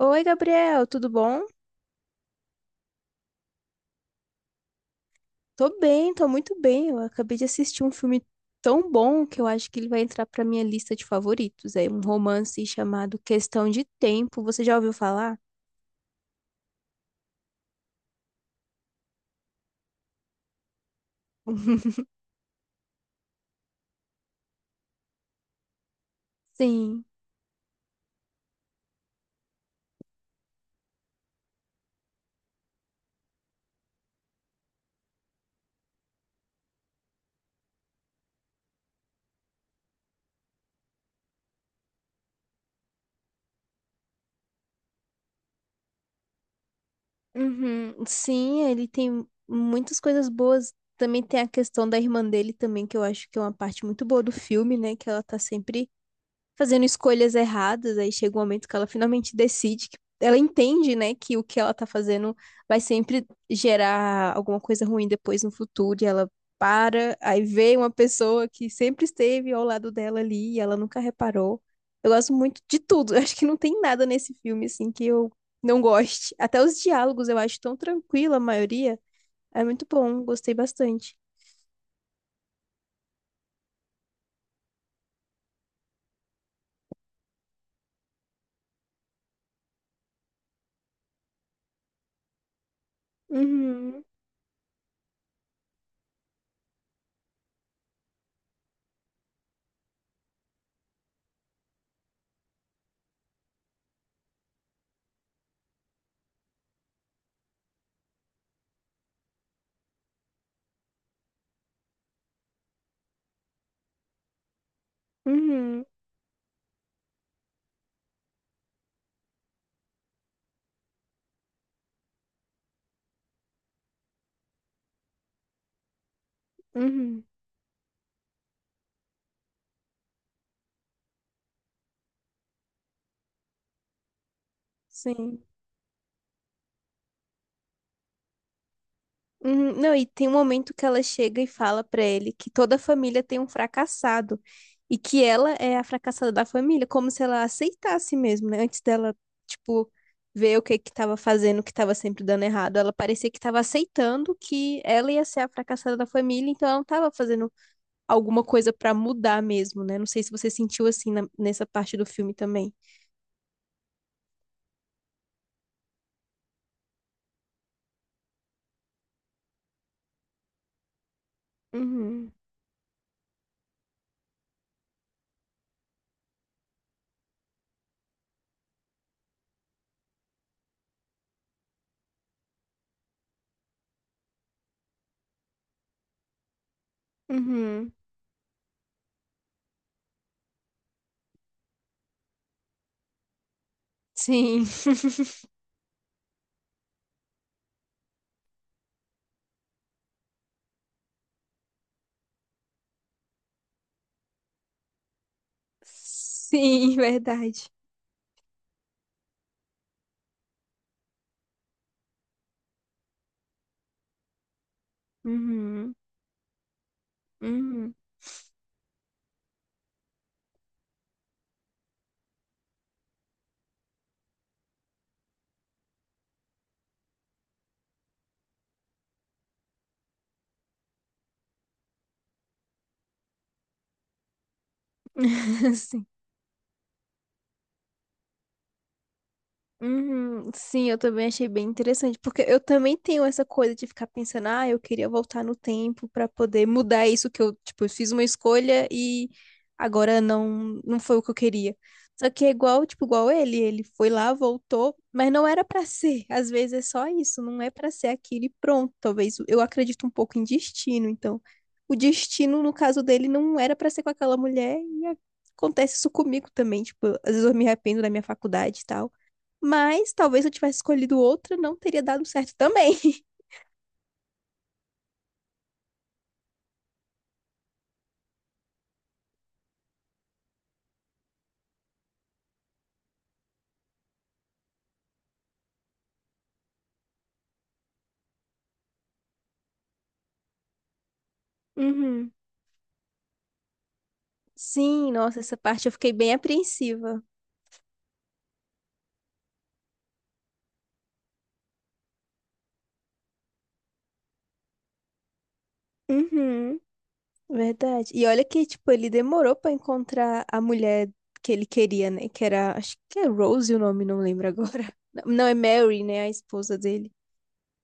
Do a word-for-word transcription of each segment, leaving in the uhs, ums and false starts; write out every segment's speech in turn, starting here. Oi, Gabriel, tudo bom? Tô bem, tô muito bem. Eu acabei de assistir um filme tão bom que eu acho que ele vai entrar pra minha lista de favoritos. É um romance chamado Questão de Tempo. Você já ouviu falar? Sim. Uhum. Sim, ele tem muitas coisas boas. Também tem a questão da irmã dele também, que eu acho que é uma parte muito boa do filme, né? Que ela tá sempre fazendo escolhas erradas. Aí chega um momento que ela finalmente decide, que ela entende, né, que o que ela tá fazendo vai sempre gerar alguma coisa ruim depois no futuro. E ela para, aí vê uma pessoa que sempre esteve ao lado dela ali e ela nunca reparou. Eu gosto muito de tudo. Eu acho que não tem nada nesse filme, assim, que eu não goste. Até os diálogos eu acho tão tranquila, a maioria. É muito bom, gostei bastante. Uhum, uhum, uhum. Sim. Uhum. Não, e tem um momento que ela chega e fala pra ele que toda a família tem um fracassado e que ela é a fracassada da família, como se ela aceitasse mesmo, né? Antes dela, tipo, ver o que que tava fazendo, o que tava sempre dando errado, ela parecia que tava aceitando que ela ia ser a fracassada da família, então ela não tava fazendo alguma coisa pra mudar mesmo, né? Não sei se você sentiu assim na- nessa parte do filme também. Uhum, uhum. Sim, sim, verdade. Uhum, uhum. Sim. Uhum, sim, eu também achei bem interessante, porque eu também tenho essa coisa de ficar pensando, ah, eu queria voltar no tempo pra poder mudar isso que eu, tipo, eu fiz uma escolha e agora não não foi o que eu queria. Só que é igual, tipo, igual ele, ele foi lá, voltou, mas não era pra ser. Às vezes é só isso, não é pra ser aquilo e pronto. Talvez eu acredito um pouco em destino, então o destino no caso dele não era pra ser com aquela mulher e acontece isso comigo também, tipo, às vezes eu me arrependo da minha faculdade e tal. Mas talvez se eu tivesse escolhido outra, não teria dado certo também. Uhum. Sim, nossa, essa parte eu fiquei bem apreensiva. Uhum. Verdade. E olha que, tipo, ele demorou pra encontrar a mulher que ele queria, né? Que era, acho que é Rose o nome, não lembro agora. Não, é Mary, né? A esposa dele.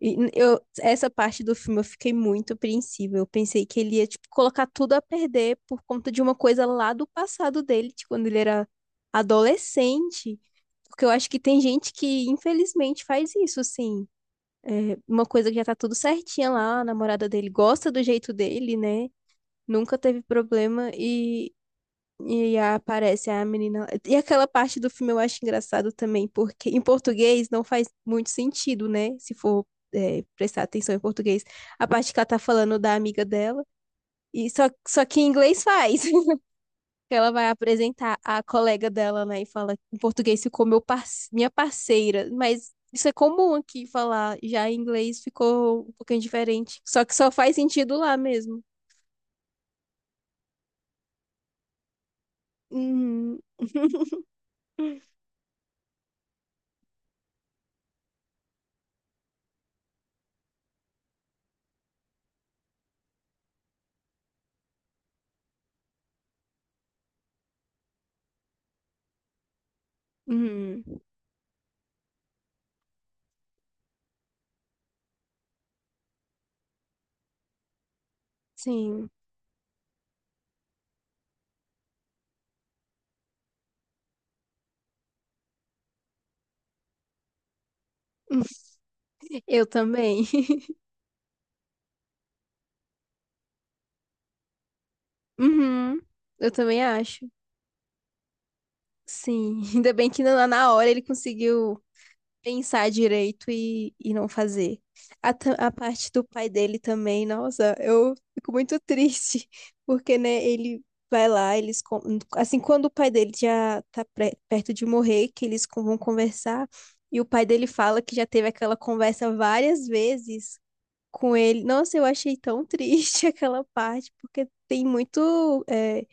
E eu, essa parte do filme eu fiquei muito apreensiva. Eu pensei que ele ia, tipo, colocar tudo a perder por conta de uma coisa lá do passado dele, de quando ele era adolescente. Porque eu acho que tem gente que, infelizmente, faz isso, assim. É, uma coisa que já tá tudo certinha lá, a namorada dele gosta do jeito dele, né? Nunca teve problema e e a- aparece a menina. E aquela parte do filme eu acho engraçado também, porque em português não faz muito sentido, né? Se for, é, prestar atenção em português. A parte que ela tá falando da amiga dela. E só, só que em inglês faz. Ela vai apresentar a colega dela, né? E fala em português ficou meu par... minha parceira. Mas isso é comum aqui falar. Já em inglês ficou um pouquinho diferente. Só que só faz sentido lá mesmo. Uhum. Uhum. Sim. Eu também. Uhum, eu também acho. Sim, ainda bem que na na hora ele conseguiu pensar direito e, e não fazer. A, ta- a parte do pai dele também, nossa, eu fico muito triste, porque, né, ele vai lá, eles, con- assim, quando o pai dele já tá pre- perto de morrer, que eles con- vão conversar, e o pai dele fala que já teve aquela conversa várias vezes com ele. Nossa, eu achei tão triste aquela parte, porque tem muito. eh,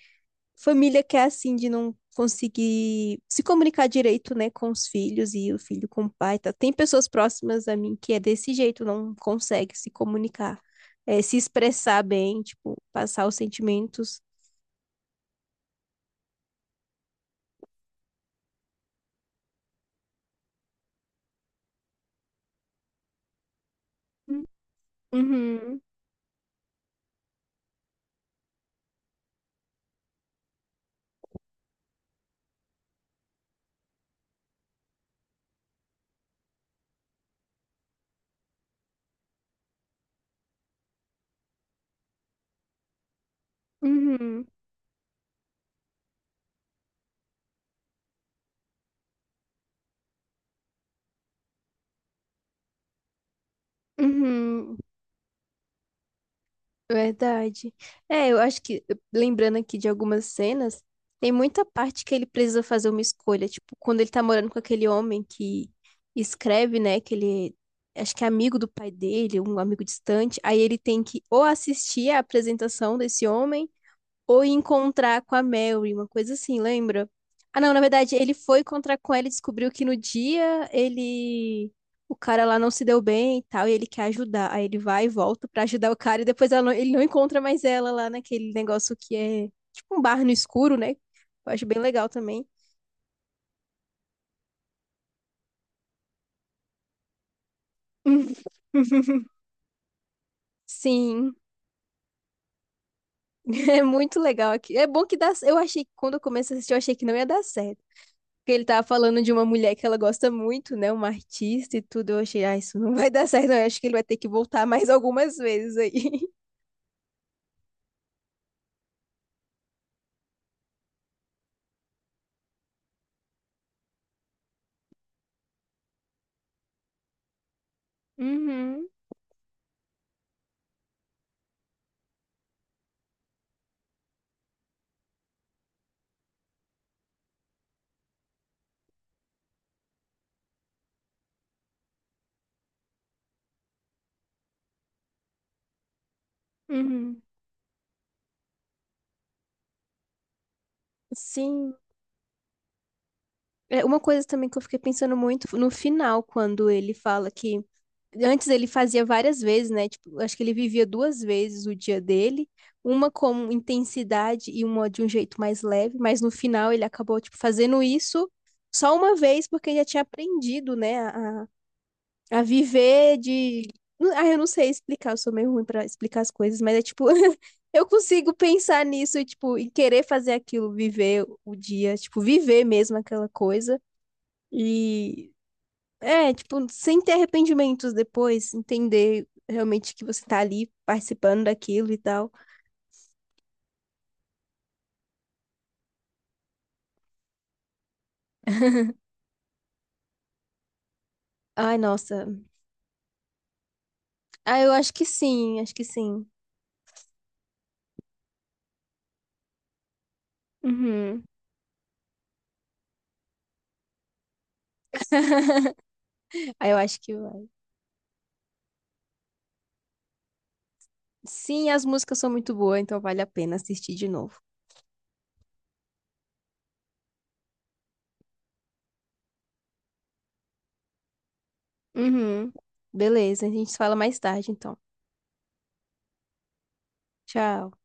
Família que é assim, de não conseguir se comunicar direito, né, com os filhos e o filho com o pai, tá? Tem pessoas próximas a mim que é desse jeito, não consegue se comunicar, é, se expressar bem, tipo, passar os sentimentos. Uhum, uhum, uhum. Verdade. É, eu acho que, lembrando aqui de algumas cenas, tem muita parte que ele precisa fazer uma escolha. Tipo, quando ele tá morando com aquele homem que escreve, né? Que ele acho que é amigo do pai dele, um amigo distante. Aí ele tem que ou assistir a apresentação desse homem. Ou encontrar com a Mary, uma coisa assim, lembra? Ah, não, na verdade, ele foi encontrar com ela e descobriu que no dia ele. O cara lá não se deu bem e tal, e ele quer ajudar. Aí ele vai e volta pra ajudar o cara, e depois ela não- ele não encontra mais ela lá naquele negócio que é tipo um bar no escuro, né? Eu acho bem legal também. Sim, é muito legal aqui. É bom que dá. Eu achei que quando eu comecei a assistir, eu achei que não ia dar certo. Porque ele tava falando de uma mulher que ela gosta muito, né? Uma artista e tudo. Eu achei, ah, isso não vai dar certo, não. Eu acho que ele vai ter que voltar mais algumas vezes aí. Uhum, uhum. Sim. É, uma coisa também que eu fiquei pensando muito no final, quando ele fala que antes ele fazia várias vezes, né? Tipo, acho que ele vivia duas vezes o dia dele, uma com intensidade e uma de um jeito mais leve, mas no final ele acabou, tipo, fazendo isso só uma vez porque ele já tinha aprendido, né, a a viver de. Ah, eu não sei explicar, eu sou meio ruim pra explicar as coisas, mas é tipo, eu consigo pensar nisso e, tipo, e querer fazer aquilo, viver o dia, tipo, viver mesmo aquela coisa. E é, tipo, sem ter arrependimentos depois, entender realmente que você tá ali participando daquilo e tal. Ai, nossa. Ah, eu acho que sim, acho que sim. Uhum. Ah, eu acho que vai. Sim, as músicas são muito boas, então vale a pena assistir de novo. Uhum. Beleza, a gente se fala mais tarde, então. Tchau.